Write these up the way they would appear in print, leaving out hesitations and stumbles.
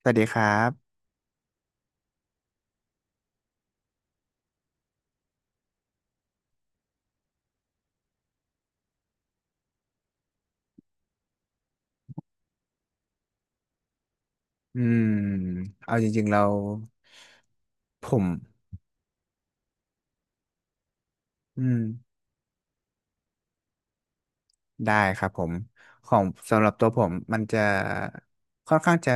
สวัสดีครับอืมเอาจริงๆเราผมอืมได้ครับผม ของสำหรับตัวผมมันจะค่อนข้างจะ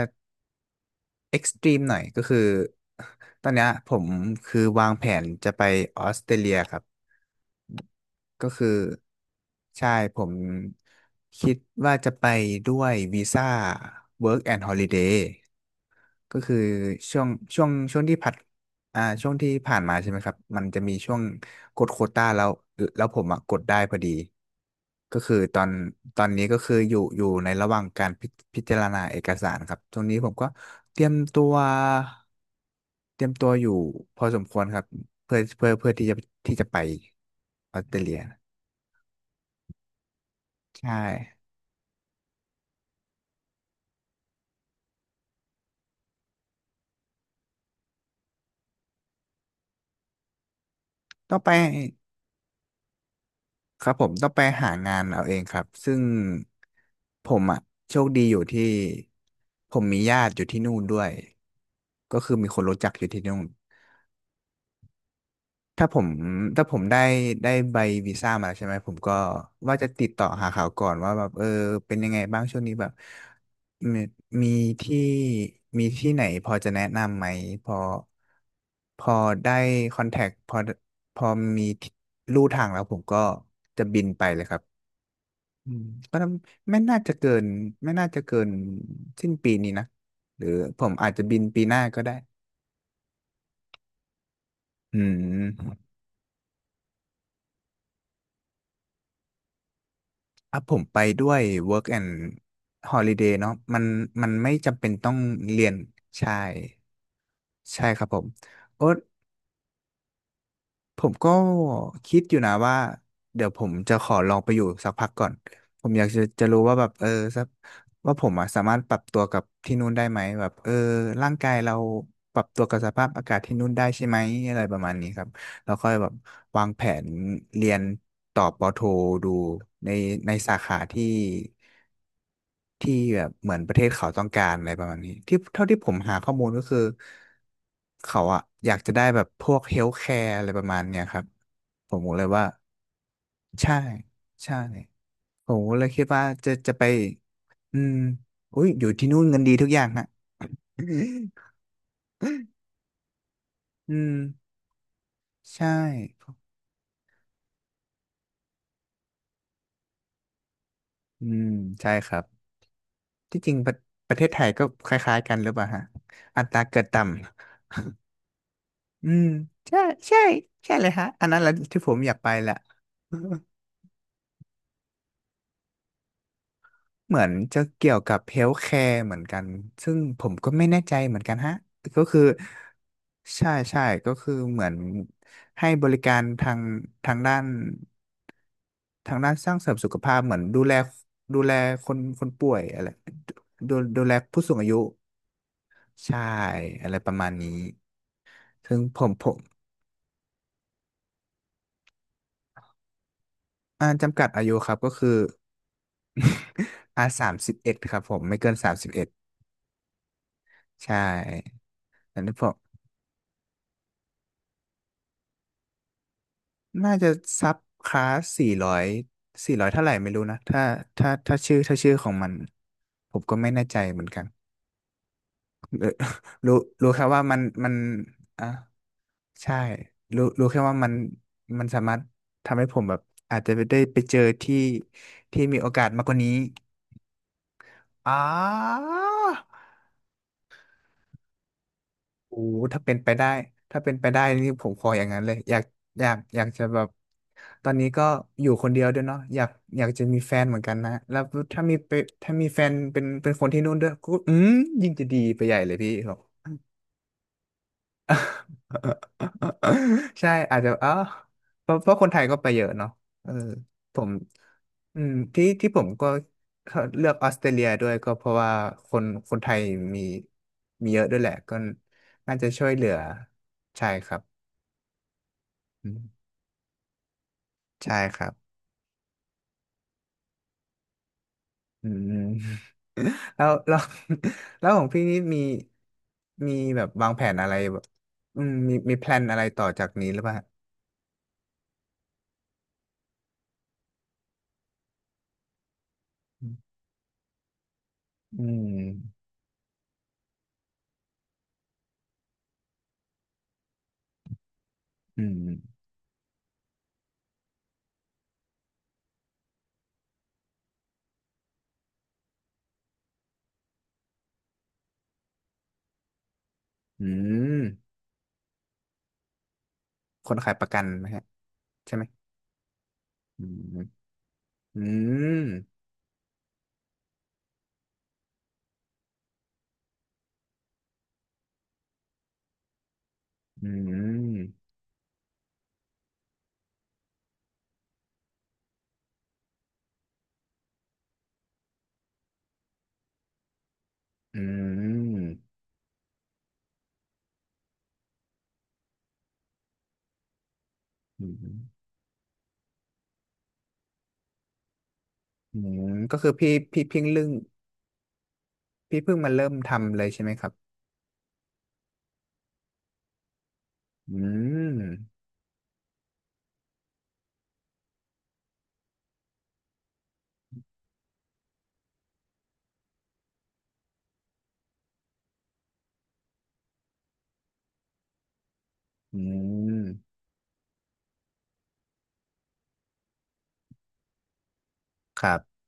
เอ็กซ์ตรีมหน่อยก็คือ ตอนเนี้ยผมคือวางแผนจะไปออสเตรเลียครับ ก็คือใช่ผมคิดว่าจะไปด้วยวีซ่า Work and Holiday ก็คือช่วงช่วงที่ผัดช่วงที่ผ่านมาใช่ไหมครับมันจะมีช่วงกดโควต้าแล้วแล้วผมอ่ะกดได้พอดีก็คือตอนนี้ก็คืออยู่ในระหว่างการพิจารณาเอกสารครับตรงนี้ผมก็เตรียมตัวเตรียมตัวอยู่พอสมควรครับเพื่อที่จะที่จะไปออสเตรเลียใช่ต้องไป ครับผมต้องไปหางานเอาเองครับซึ่งผมอ่ะโชคดีอยู่ที่ผมมีญาติอยู่ที่นู่นด้วยก็คือมีคนรู้จักอยู่ที่นู่นถ้าผมถ้าผมได้ใบวีซ่ามาแล้วใช่ไหมผมก็ว่าจะติดต่อหาเขาก่อนว่าแบบเป็นยังไงบ้างช่วงนี้แบบมีมีที่มีที่ไหนพอจะแนะนำไหมพอพอได้คอนแทคพอพอมีที่ลู่ทางแล้วผมก็จะบินไปเลยครับ อืมก็ไม่น่าจะเกินไม่น่าจะเกินสิ้นปีนี้นะหรือผมอาจจะบินปีหน้าก็ได้อืมอ่ะผมไปด้วย work and holiday เนาะมันไม่จำเป็นต้องเรียนใช่ใช่ครับผมโอ้ ผมก็คิดอยู่นะว่าเดี๋ยวผมจะขอลองไปอยู่สักพักก่อนผมอยากจะรู้ว่าแบบสักว่าผมอะสามารถปรับตัวกับที่นู่นได้ไหมแบบร่างกายเราปรับตัวกับสภาพอากาศที่นู่นได้ใช่ไหมอะไรประมาณนี้ครับแล้วค่อยแบบวางแผนเรียนต่อปอโทดูในในสาขาที่ที่แบบเหมือนประเทศเขาต้องการอะไรประมาณนี้ที่เท่าที่ผมหาข้อมูลก็คือเขาอะอยากจะได้แบบพวกเฮลท์แคร์อะไรประมาณเนี้ยครับ ผมบอก็เลยว่าใช่ใช่ผมก็เลยคิดว่าจะไปอืมอุ้ยอยู่ที่นู่นเงินดีทุกอย่างนะ อืมใช่อืมใช่ครับที่จริงประเทศไทยก็คล้ายๆกันหรือเปล่าฮะอัตราเกิดต่ำอืมใช่ใช่ใช่เลยฮะอันนั้นแหละที่ผมอยากไปแหละ เหมือนจะเกี่ยวกับเฮล t h แคร์เหมือนกันซึ่งผมก็ไม่แน่ใจเหมือนกันฮะก็คือใช่ใช่ก็คือเหมือนให้บริการทางด้านทางด้านสร้างเสริมสุขภาพเหมือนดูแลคนป่วยอะไรดูแลผู้สูงอายุใช่อะไรประมาณนี้ซึ่งผมอ่าจำกัดอายุครับก็คือ อ่า31ครับผมไม่เกินสามสิบเอ็ดใช่อันนี้ผม น่าจะซับคลาสสี่ร้อยเท่าไหร่ไม่รู้นะถ้าชื่อของมันผมก็ไม่แน่ใจเหมือนกัน เออรู้รู้แค่ว่ามันมันอ่ะใช่รู้แค่ว่ามันสามารถทำให้ผมแบบอาจจะได้ไปเจอที่ที่มีโอกาสมากกว่านี้อ๋อ โอ้ถ้าเป็นไปได้ถ้าเป็นไปได้นี่ผมขออย่างนั้นเลยอยากจะแบบตอนนี้ก็อยู่คนเดียวด้วยเนาะอยากจะมีแฟนเหมือนกันนะแล้วถ้ามีไปถ้ามีแฟนเป็นคนที่นู่นด้วยก็อืมยิ่งจะดีไปใหญ่เลยพี่ครับ ใช่อาจจะอ๋อเพราะคนไทยก็ไปเยอะเนาะเออผมอืมที่ที่ผมก็เลือกออสเตรเลียด้วยก็เพราะว่าคนคนไทยมีมีเยอะด้วยแหละก็น่าจะช่วยเหลือใช่ครับอืมใช่ครับอืม แล้วแล้ว แล้วของพี่นี่มีแบบวางแผนอะไรแบบอืมมีแพลนอะไรต่อจากนี้หรือเปล่าอืมอืมอืมอืมคนขายประกันไหมฮะ ใช่ไหมอืมอืมอืมอืมอืมอืมก็คือพี่เพิ่งเรื่องพี่เพิ่งมาเริ่มทำเลยใช่ไหมครับอืมอืมครับ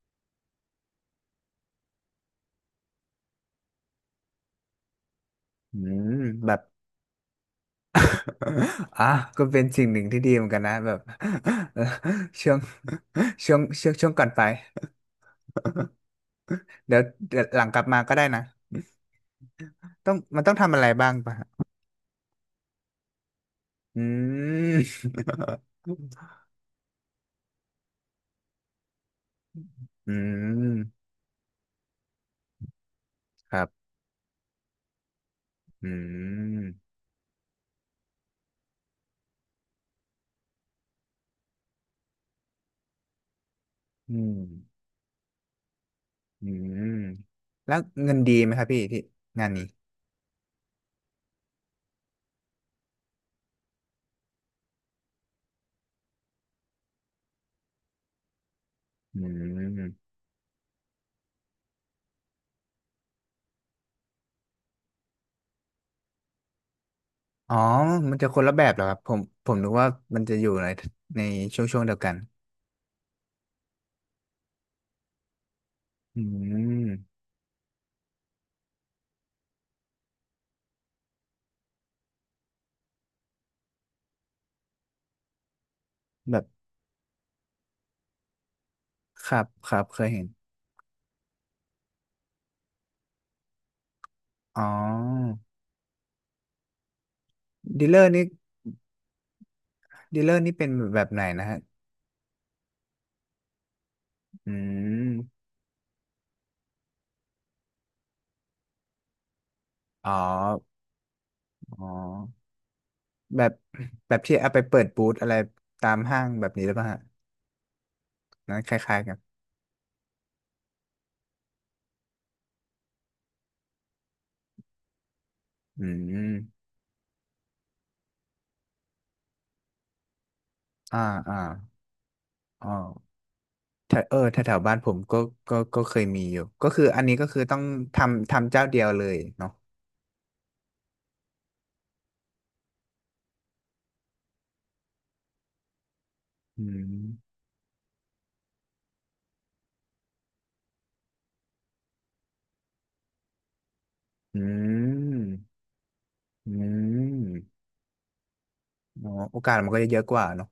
อืมแบบ อ่ะก็เป็นสิ่งหนึ่งที่ดีเหมือนกันนะแบบ ช่วงช่วงก่อนไป เดี๋ยวเดี๋ยวหลังกลับมาก็ได้นะต้องมันต้องทำอะไรบ้างปะฮะอืม อืมครับอืม อืมอืมแล้วเงินดีไหมครับพี่ที่งานนี้อืมอ๋อมันจะคนละแบบเหรอครับผมนึกว่ามันจะอยู่ในในช่วงเดียวกันอืมแบบครับครับเคยเห็นอ๋อดีลเลอร์นี่ดีลเลอร์นี่เป็นแบบไหนนะฮะอืมอ๋ออ๋อแบบที่เอาไปเปิดบูธอะไรตามห้างแบบนี้หรือเปล่าฮะนั้นคล้ายๆกันอืมอ่าอ่าอ๋อ แถวเออแถวแถวบ้านผมก็ก็เคยมีอยู่ก็คืออันนี้ก็คือต้องทำเจ้าเดียวเลยเนาะอืมอืมอืมเนาะโอกาสมันก็จะเยอะกว่าเนาะ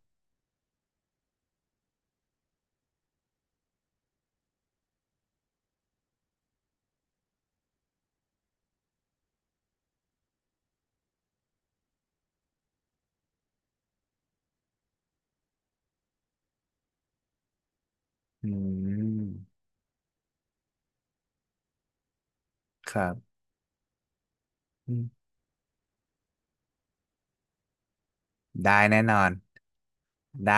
อืมครับอืมได้แน่นอนได้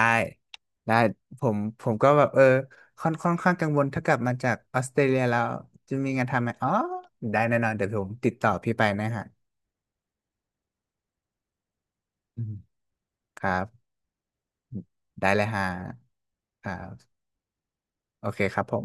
ได้ผมก็แบบเออค่อนข้างกังวลถ้ากลับมาจากออสเตรเลียแล้วจะมีงานทำไหมอ๋อได้แน่นอนเดี๋ยวผมติดต่อพี่ไปนะฮะอืมครับได้เลยฮะครับโอเคครับผม